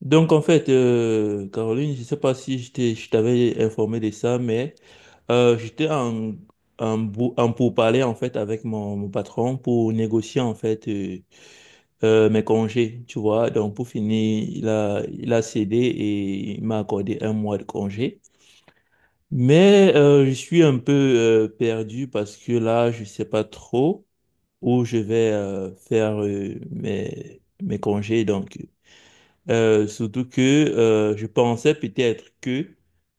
Donc en fait, Caroline, je ne sais pas si je t'avais informé de ça, mais j'étais en pourparlers en fait avec mon patron pour négocier en fait mes congés, tu vois. Donc pour finir, il a cédé et il m'a accordé un mois de congé. Mais je suis un peu perdu parce que là, je ne sais pas trop où je vais faire mes congés. Donc surtout que je pensais peut-être que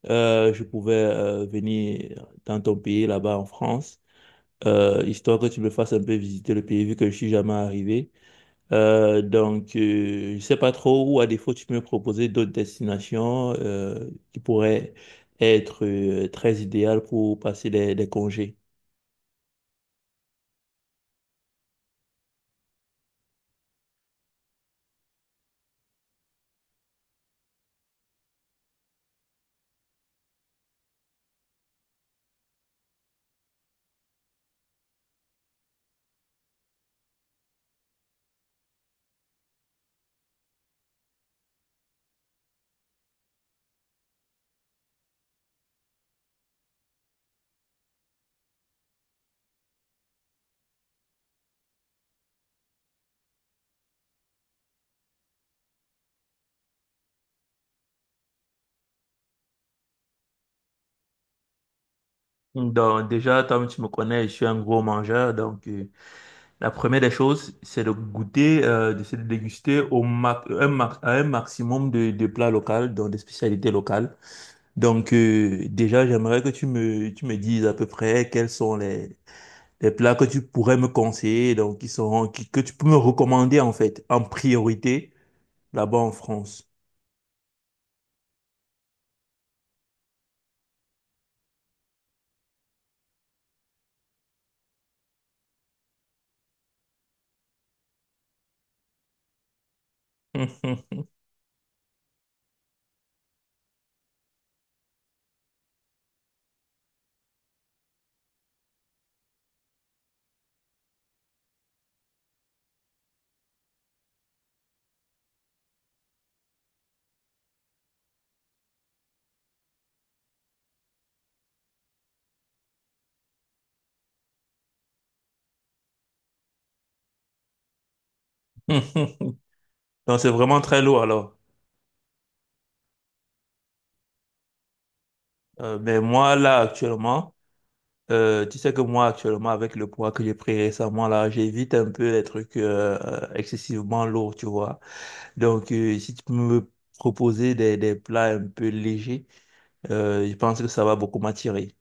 je pouvais venir dans ton pays, là-bas en France, histoire que tu me fasses un peu visiter le pays vu que je suis jamais arrivé. Je sais pas trop, ou à défaut, tu peux me proposer d'autres destinations qui pourraient être très idéales pour passer les congés. Donc, déjà, comme tu me connais, je suis un gros mangeur, donc... La première des choses, c'est de goûter, de se déguster au ma- un ma- à un maximum de plats locaux, donc des spécialités locales. Déjà, j'aimerais que tu me dises à peu près quels sont les plats que tu pourrais me conseiller, donc que tu peux me recommander en fait, en priorité, là-bas en France. Donc c'est vraiment très lourd alors. Mais moi, là, actuellement... tu sais que moi, actuellement, avec le poids que j'ai pris récemment, là, j'évite un peu les trucs excessivement lourds, tu vois. Donc, si tu peux me proposer des plats un peu légers, je pense que ça va beaucoup m'attirer.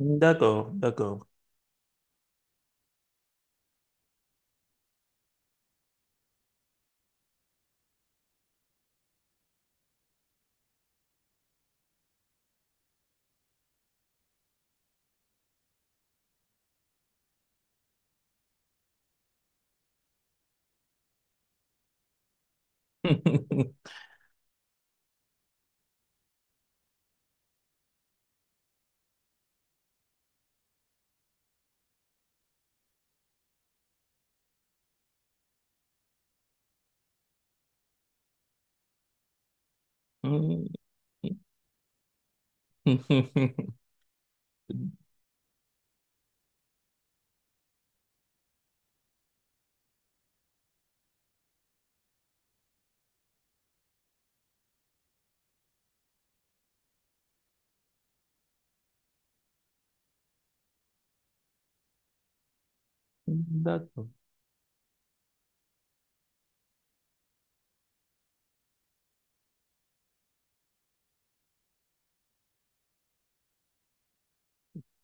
D'accord, d'accord. D'accord,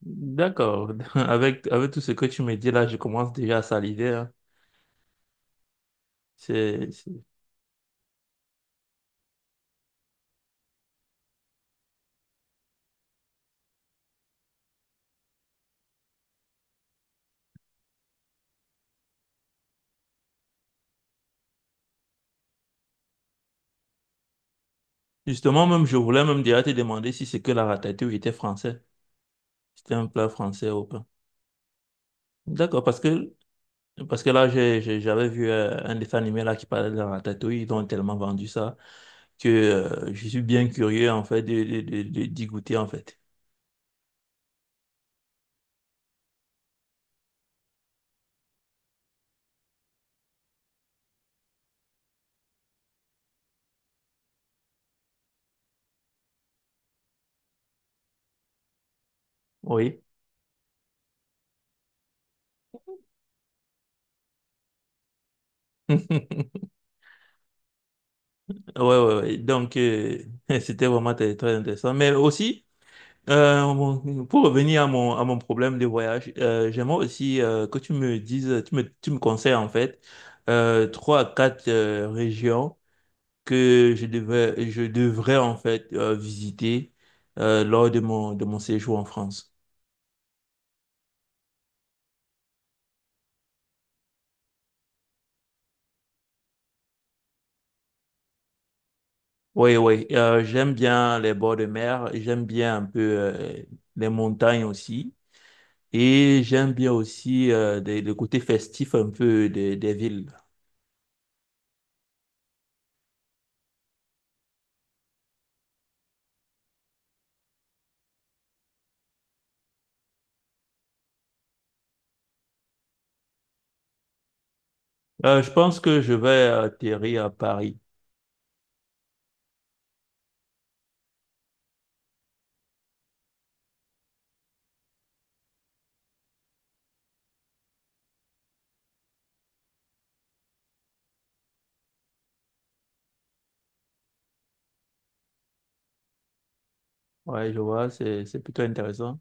d'accord. Avec, avec tout ce que tu me dis là, je commence déjà à saliver, hein. C'est- Justement, même, je voulais même déjà te demander si c'est que la ratatouille était français. C'était un plat français ou pas. D'accord, parce que là, j'avais vu un dessin animé là qui parlait de la ratatouille, ils ont tellement vendu ça que je suis bien curieux en fait d'y goûter en fait. Oui. Ouais, ouais, ouais. Donc, c'était vraiment très, très intéressant. Mais aussi, pour revenir à à mon problème de voyage, j'aimerais aussi que tu me dises, tu me conseilles en fait trois à quatre régions que je devrais en fait visiter lors de de mon séjour en France. Oui, oui, j'aime bien les bords de mer, j'aime bien un peu les montagnes aussi, et j'aime bien aussi le côté festif un peu des villes. Je pense que je vais atterrir à Paris. Ouais, je vois, c'est plutôt intéressant.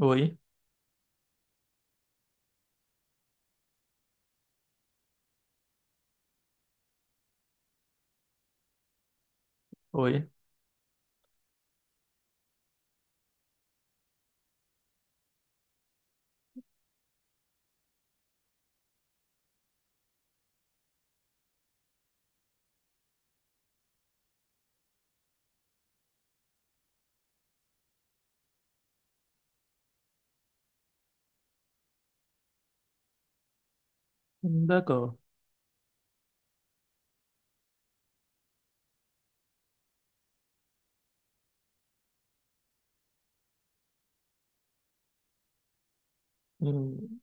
Oui, oui, d'accord. Hmm.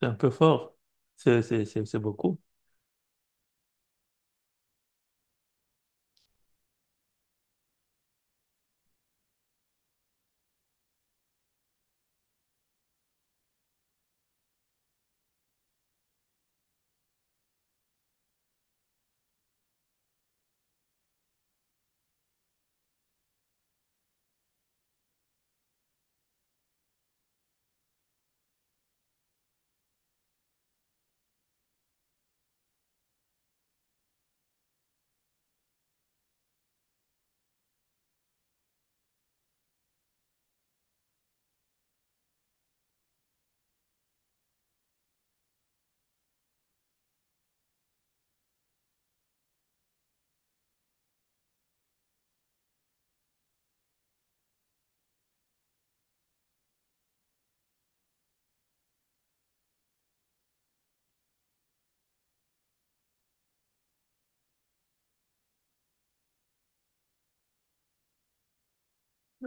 C'est un peu fort. C'est beaucoup.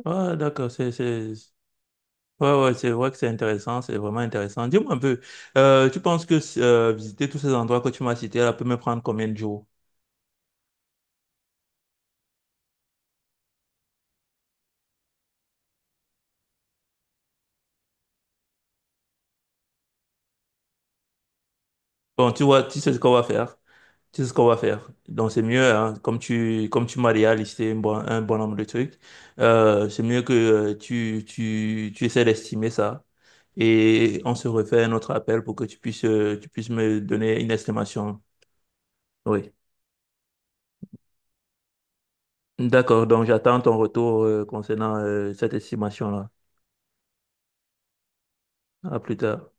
Ah, d'accord, c'est, ouais, ouais, c'est vrai que c'est intéressant, c'est vraiment intéressant. Dis-moi un peu, tu penses que visiter tous ces endroits que tu m'as cités, là, peut me prendre combien de jours? Bon, tu vois, tu sais ce qu'on va faire. Tu sais ce qu'on va faire. Donc, c'est mieux, hein, comme comme tu m'as déjà listé un un bon nombre de trucs, c'est mieux que tu essaies d'estimer ça. Et on se refait un autre appel pour que tu puisses me donner une estimation. Oui. D'accord, donc j'attends ton retour concernant cette estimation-là. À plus tard.